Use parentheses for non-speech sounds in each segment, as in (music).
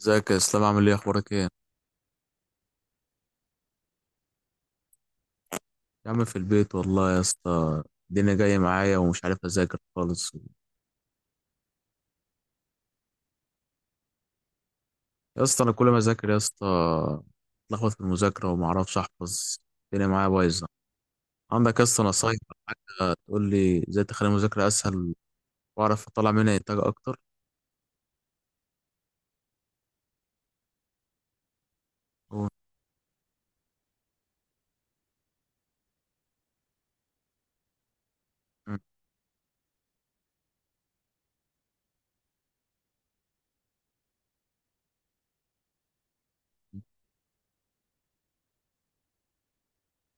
ازيك يا اسلام؟ عامل ايه؟ اخبارك ايه؟ يا عم في البيت والله يا اسطى. الدنيا جايه معايا ومش عارف اذاكر خالص. يا اسطى انا كل ما اذاكر يا اسطى اتلخبط في المذاكره وما اعرفش احفظ. الدنيا معايا بايظه. عندك يا اسطى نصايح او حاجه تقول لي ازاي تخلي المذاكره اسهل واعرف اطلع منها انتاج اكتر؟ و- م-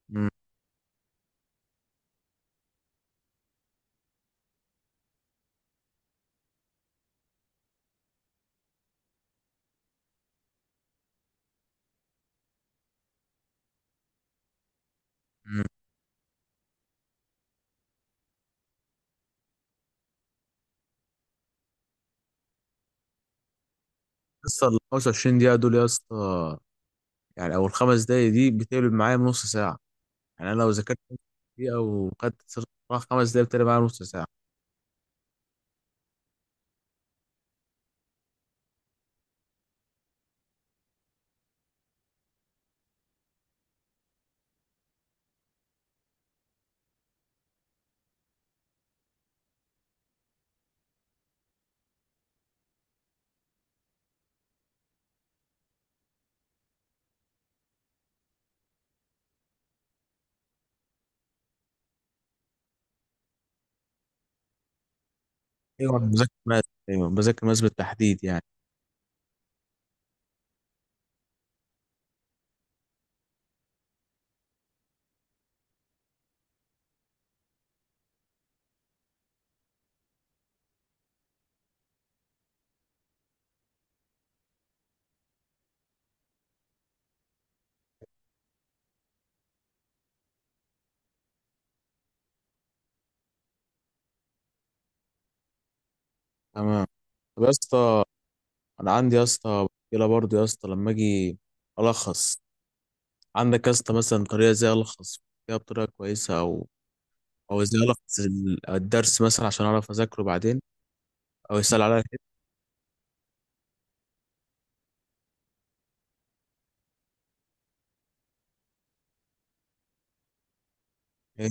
م- م. يا اسطى ال 25 دقيقه دول يا اسطى، يعني او الخمس دقايق دي بتقلب معايا بنص ساعه. يعني انا لو ذاكرت خمس دقيقه وخدت راح خمس دقايق بتقلب معايا نص ساعه. ايوه أنا بذاكر ماس. ايوه بذاكر ماس بالتحديد يعني. تمام. طب يا اسطى انا عندي يا اسطى مشكله برضه يا اسطى، لما اجي الخص، عندك يا اسطى مثلا طريقه ازاي الخص فيها بطريقه كويسه؟ او ازاي الخص الدرس مثلا عشان اعرف اذاكره بعدين او يسال عليا كده؟ إيه،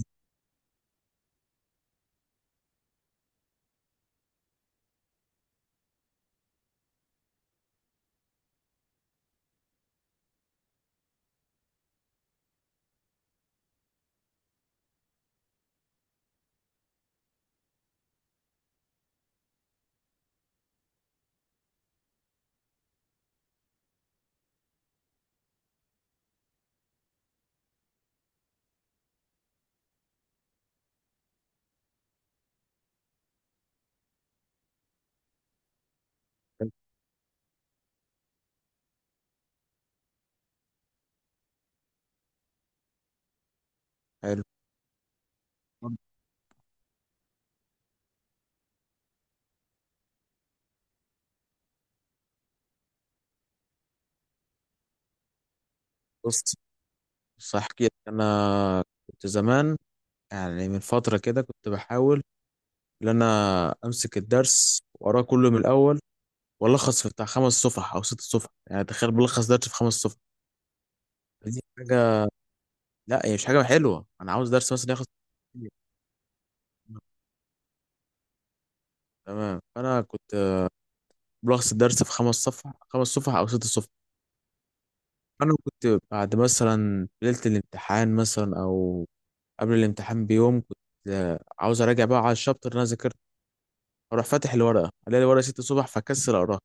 حلو. بص بص احكي لك. انا كنت زمان، يعني من فتره كده، كنت بحاول ان انا امسك الدرس واقراه كله من الاول والخص في بتاع خمس صفح او ست صفح. يعني تخيل بلخص درس في خمس صفح. دي حاجة. لا هي مش حاجة حلوة. أنا عاوز درس مثلا ياخد (laughs) تمام. فأنا كنت بلخص الدرس في خمس صفح، أو ست صفح. أنا كنت بعد مثلا ليلة الامتحان مثلا، أو قبل الامتحان بيوم، كنت عاوز أراجع بقى على الشابتر اللي أنا ذاكرته. أروح فاتح الورقة ألاقي الورقة ست صفح فأكسل أقراها.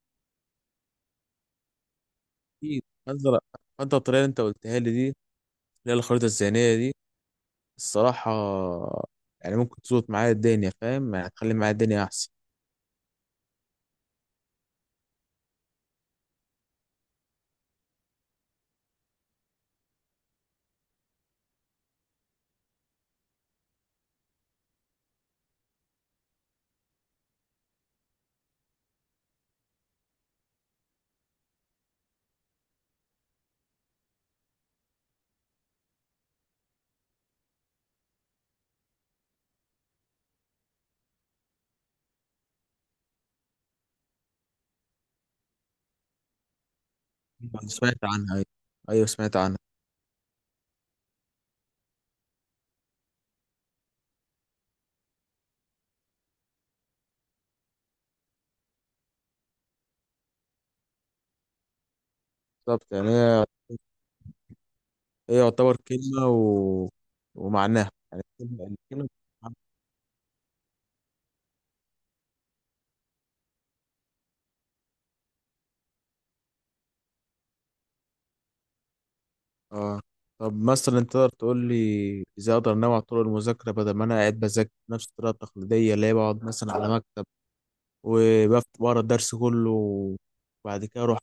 أكيد. فأنت الطريقة اللي أنت قلتها لي دي، اللي هي الخريطة الذهنية دي، الصراحة يعني ممكن تظبط معايا الدنيا، فاهم؟ يعني تخلي معايا الدنيا أحسن. سمعت عنها أيوة. أيوة، سمعت عنها. بالظبط. يعني هي يعتبر كلمة ومعناها. يعني الكلمة. اه. طب مثلا انت تقدر تقول لي ازاي اقدر انوع طرق المذاكرة، بدل ما انا قاعد بذاكر نفس الطريقة التقليدية اللي هي بقعد مثلا على مكتب بقرا الدرس كله وبعد كده اروح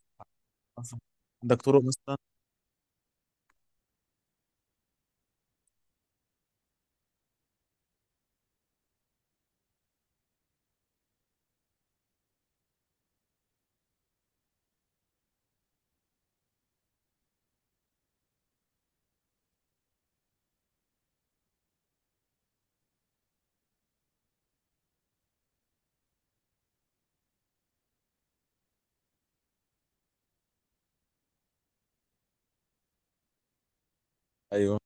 أصلاً؟ عندك طرق مثلا؟ ايوه.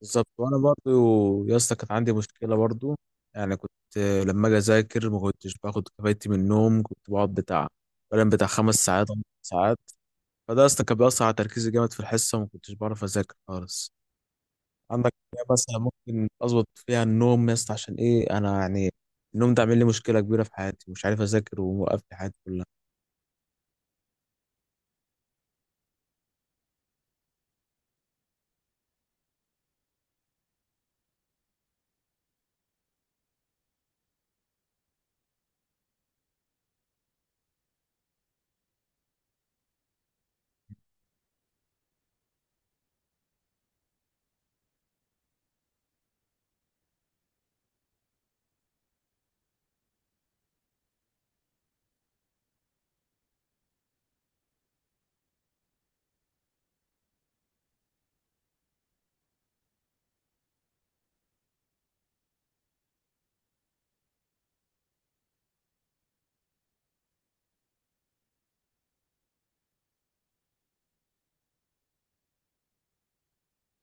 بالظبط. وانا برضو يا اسطى كانت عندي مشكلة برضو. يعني كنت لما اجي اذاكر ما كنتش باخد كفايتي من النوم. كنت بقعد بتاع بنام بتاع خمس ساعات أو ست ساعات. فده يا اسطى كان بيأثر على تركيزي جامد في الحصة، وما كنتش بعرف أذاكر خالص. عندك حاجة مثلا ممكن أظبط فيها النوم يا اسطى، عشان إيه، أنا يعني النوم ده عامل لي مشكلة كبيرة في حياتي، مش عارف أذاكر، وموقف لي حياتي كلها.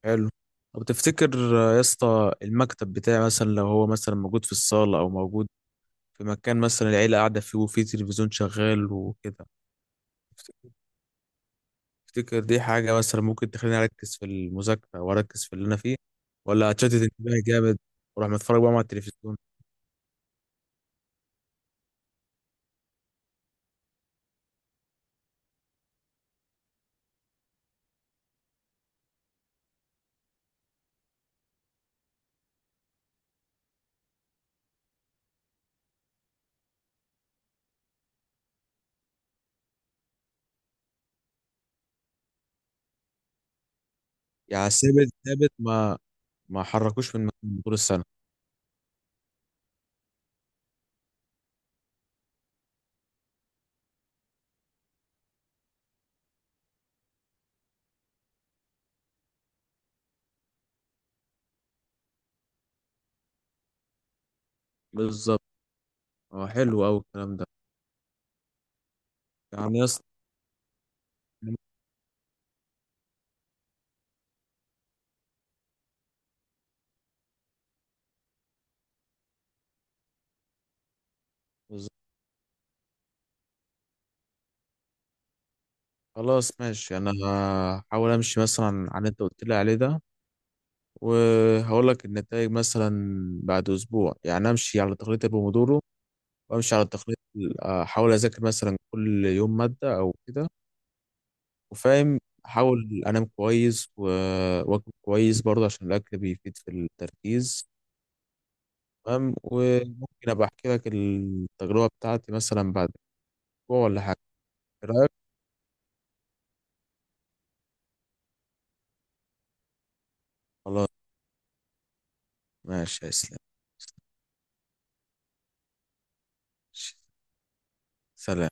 حلو. طب تفتكر يا اسطى المكتب بتاعي مثلا لو هو مثلا موجود في الصالة، أو موجود في مكان مثلا العيلة قاعدة فيه وفيه تلفزيون شغال وكده، تفتكر دي حاجة مثلا ممكن تخليني أركز في المذاكرة وأركز في اللي أنا فيه، ولا هتشتت انتباهي جامد وأروح متفرج بقى مع التلفزيون؟ يعني ثابت ما حركوش من مكانه طول السنة؟ بالظبط. اه، حلو أوي الكلام ده. يعني يا اسطى بالظبط. خلاص ماشي. أنا هحاول أمشي مثلا عن اللي أنت قلت لي عليه ده، وهقول لك النتائج مثلا بعد أسبوع. يعني أمشي على تقليد البومودورو، وأمشي على تقليد أحاول أذاكر مثلا كل يوم مادة أو كده، وفاهم. أحاول أنام كويس وأكل كويس برضه عشان الأكل بيفيد في التركيز. تمام. وممكن ابقى احكي لك التجربة بتاعتي مثلا بعد اسبوع ولا حاجة، ايه رأيك؟ خلاص ماشي يا اسلام. ماشي. سلام